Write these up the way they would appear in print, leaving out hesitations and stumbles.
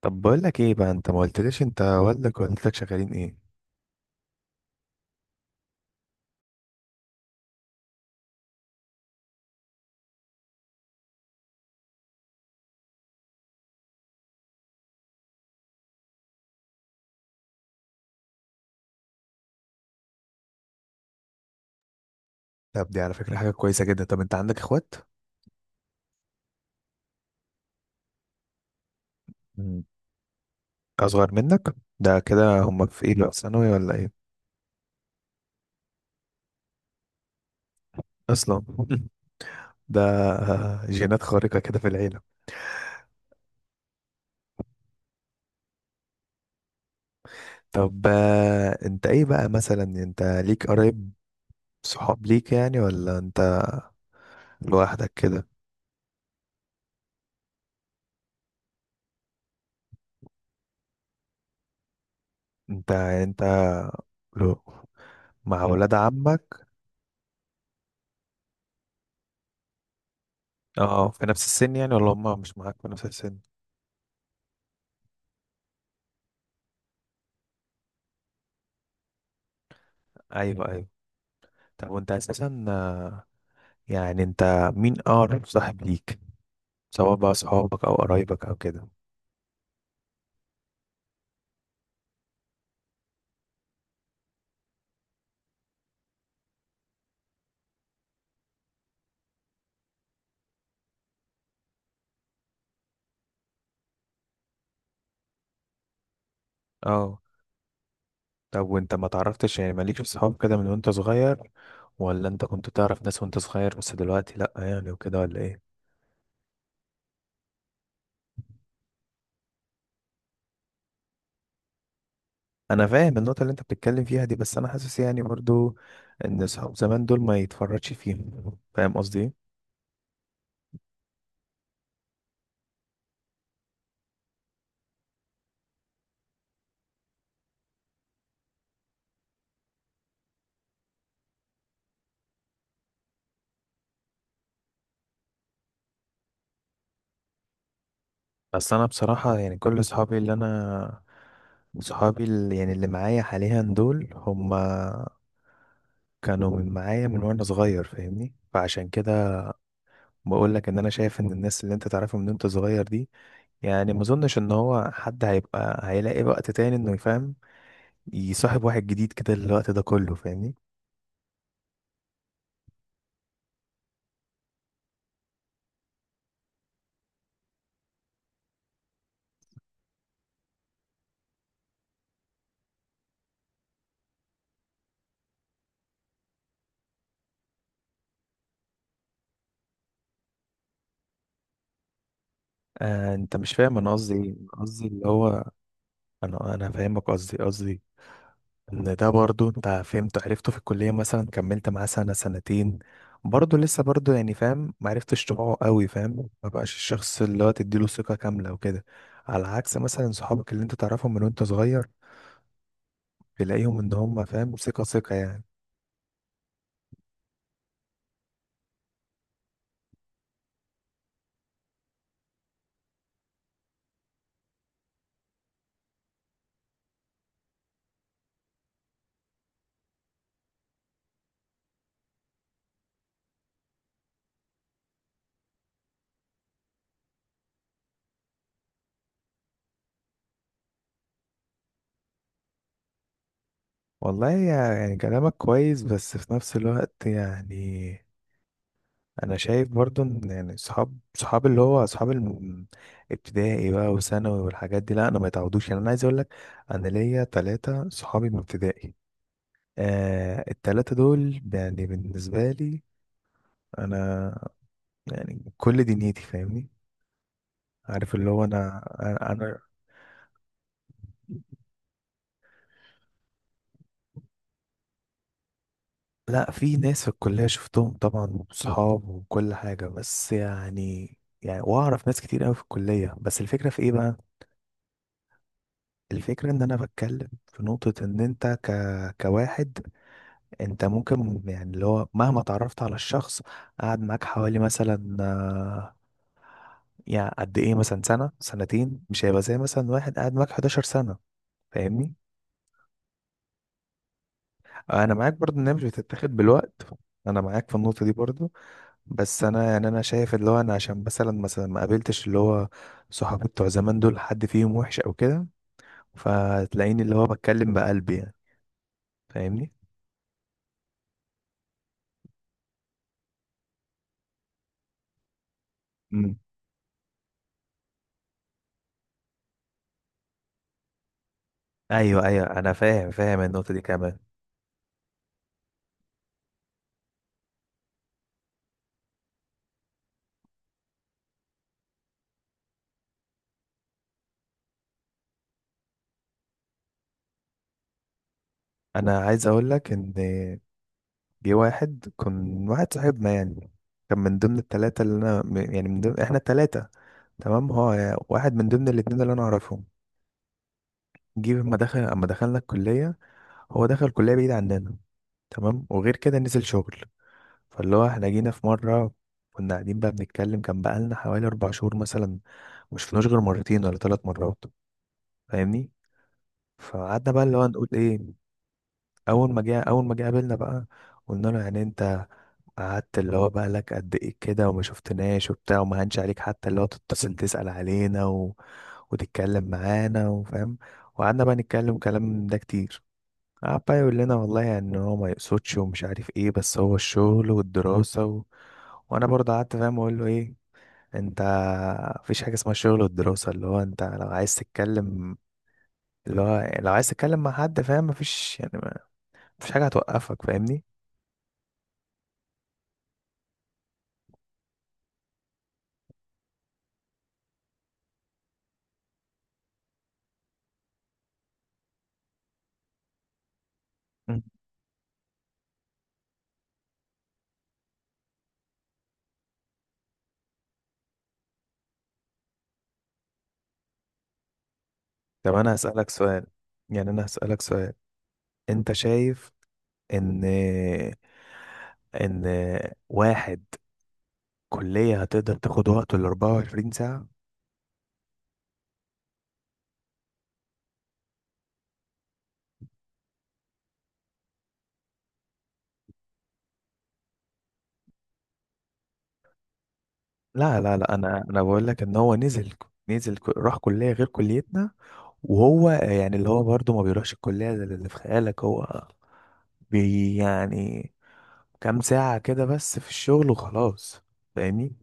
طب، بقول لك ايه بقى؟ انت ما قلتليش انت والدك ووالدتك شغالين ايه؟ طب، دي على فكرة حاجة كويسة جدا. طب، انت عندك اخوات؟ مم. اصغر منك؟ ده كده هم في ايه بقى، في ثانوي ولا ايه؟ اصلا. ده جينات خارقة كده في العيلة. طب، انت ايه بقى؟ مثلا انت ليك قرايب، صحاب ليك يعني ولا انت لوحدك كده؟ انت لو مع، لا، ولاد عمك. اه، في نفس السن يعني ولا هم مش معاك في نفس السن؟ ايوه، ايوه. طب، وانت اساسا يعني انت مين اقرب صاحب ليك؟ سواء بقى صحابك او قرايبك او كده. اه. طب، وانت ما تعرفتش يعني؟ مالكش صحاب كده من وانت صغير ولا انت كنت تعرف ناس وانت صغير، بس دلوقتي لا يعني وكده ولا ايه؟ انا فاهم النقطة اللي انت بتتكلم فيها دي، بس انا حاسس يعني برضو ان صحاب زمان دول ما يتفرجش فيهم. فاهم قصدي ايه؟ بس انا بصراحة يعني كل صحابي اللي انا، صحابي اللي يعني اللي معايا حاليا، دول هما كانوا من معايا من وانا صغير، فاهمني؟ فعشان كده بقول لك ان انا شايف ان الناس اللي انت تعرفها من وانت صغير دي، يعني ما اظنش ان هو حد هيبقى هيلاقي وقت تاني انه يفهم، يصاحب واحد جديد كده الوقت ده كله. فاهمني؟ انت مش فاهم انا قصدي ايه؟ أنا قصدي اللي هو انا فاهمك، قصدي ان ده برضو انت فهمته عرفته في الكلية مثلا، كملت معاه سنة سنتين، برضه لسه برضه يعني فاهم ما عرفتش طباعه قوي، فاهم ما بقاش الشخص اللي هو تديله ثقة كاملة وكده. على عكس مثلا صحابك اللي انت تعرفهم من وانت صغير، تلاقيهم ان هم فاهم ثقة ثقة يعني. والله، يعني كلامك كويس بس في نفس الوقت يعني انا شايف برضو ان يعني صحاب اللي هو صحاب ابتدائي بقى وثانوي والحاجات دي، لا، انا ما يتعودوش. يعني انا عايز اقول لك، انا ليا 3 صحابي من ابتدائي. الثلاثة دول يعني بالنسبة لي انا، يعني كل دنيتي. فاهمني؟ عارف اللي هو انا. انا، لا، في ناس في الكلية شفتهم طبعا وصحاب وكل حاجة، بس يعني، يعني واعرف ناس كتير قوي في الكلية، بس الفكرة في ايه بقى؟ الفكرة ان انا بتكلم في نقطة، ان انت كواحد، انت ممكن يعني اللي هو مهما اتعرفت على الشخص، قعد معاك حوالي مثلا، يعني قد ايه، مثلا سنة سنتين، مش هيبقى زي مثلا واحد قعد معاك 11 سنة. فاهمني؟ انا معاك برضو ان هي مش بتتاخد بالوقت. انا معاك في النقطة دي برضو، بس انا يعني انا شايف اللي هو انا عشان مثلا ما قابلتش اللي هو صحابي بتوع زمان دول حد فيهم وحش او كده، فتلاقيني اللي هو بتكلم بقلبي يعني. فاهمني؟ امم ايوه، ايوه، انا فاهم النقطه دي كمان. انا عايز اقول لك ان جه واحد، كان واحد صاحبنا يعني، كان من ضمن الثلاثه اللي انا، يعني من ضمن احنا الثلاثه تمام، هو واحد من ضمن الاثنين اللي انا اعرفهم. جه اما دخلنا الكليه، هو دخل كليه بعيد عننا تمام، وغير كده نزل شغل. فاللي هو احنا جينا في مرة، كنا قاعدين بقى بنتكلم، كان بقالنا حوالي 4 شهور مثلا، مشفناش غير مرتين ولا 3 مرات. فاهمني؟ فقعدنا بقى اللي هو نقول ايه. أول ما جه قابلنا بقى، قلنا له يعني انت قعدت اللي هو بقى لك قد ايه كده وما شفتناش وبتاع، وما هنش عليك حتى اللي هو تتصل تسأل علينا وتتكلم معانا وفاهم، وقعدنا بقى نتكلم كلام ده كتير. قعد بقى يقول لنا، والله يعني ان هو ما يقصدش ومش عارف ايه، بس هو الشغل والدراسة وانا برضه قعدت فاهم اقول له ايه. انت مفيش حاجة اسمها شغل والدراسة، اللي هو انت لو عايز تتكلم، اللي هو لو عايز تتكلم مع حد فاهم، مفيش يعني ما... مفيش حاجة هتوقفك. فاهمني؟ مم. طب، انا هسألك سؤال، يعني انا هسألك سؤال. انت شايف ان ان واحد كلية هتقدر تاخد وقته ال 24 ساعة؟ لا، لا، لا، انا بقول لك ان هو راح كليه غير كليتنا، وهو يعني اللي هو برضه ما بيروحش الكليه زي اللي في خيالك. هو بي، يعني كام ساعه كده بس في الشغل وخلاص. فاهمني؟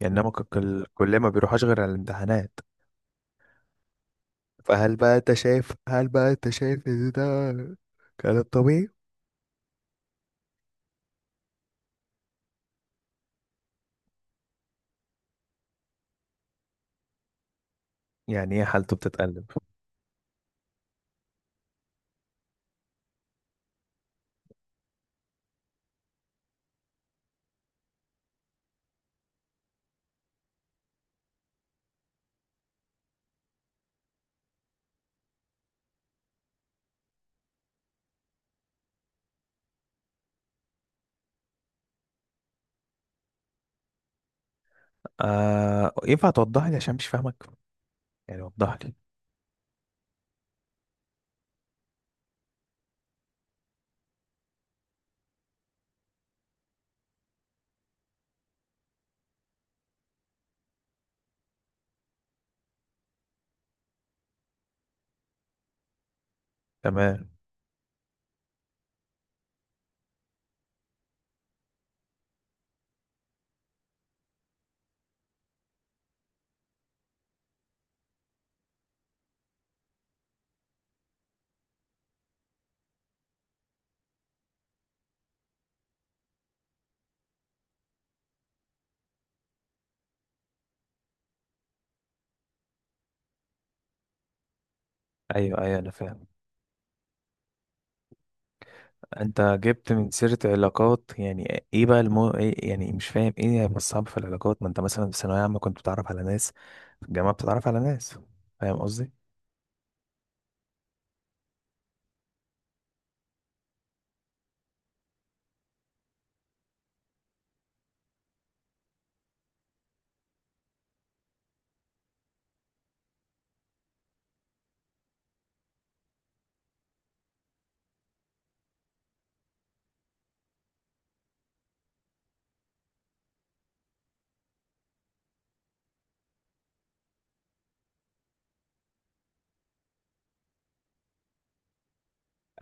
يعني انما الكليه ما بيروحش غير على الامتحانات. فهل بقى انت شايف هل بقى انت شايف ان ده كلام طبيعي؟ يعني ايه حالته بتتقلب؟ ينفع توضح لي عشان مش فاهمك؟ يعني وضح لي. تمام. ايوه، ايوه، انا فاهم. انت جبت من سيرة علاقات، يعني ايه بقى إيه يعني؟ مش فاهم ايه بس صعب في العلاقات، ما انت مثلا في ثانوية عامة كنت بتتعرف على ناس، في الجامعة بتتعرف على ناس. فاهم قصدي؟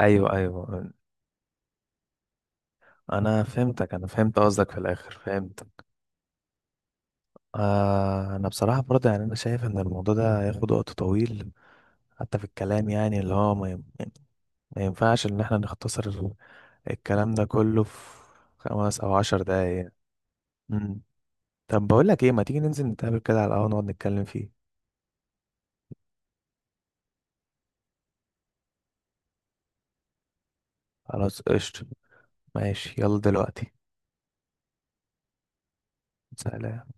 ايوه، ايوه، انا فهمتك، انا فهمت قصدك في الاخر، فهمت. انا بصراحة برضه يعني انا شايف ان الموضوع ده هياخد وقت طويل، حتى في الكلام يعني اللي هو ما ينفعش ان احنا نختصر الكلام ده كله في 5 او 10 دقايق. مم. طب، بقول لك ايه؟ ما تيجي ننزل نتقابل كده على القهوة نقعد نتكلم فيه. خلاص، قشطة. ماشي، يلا دلوقتي. سلام.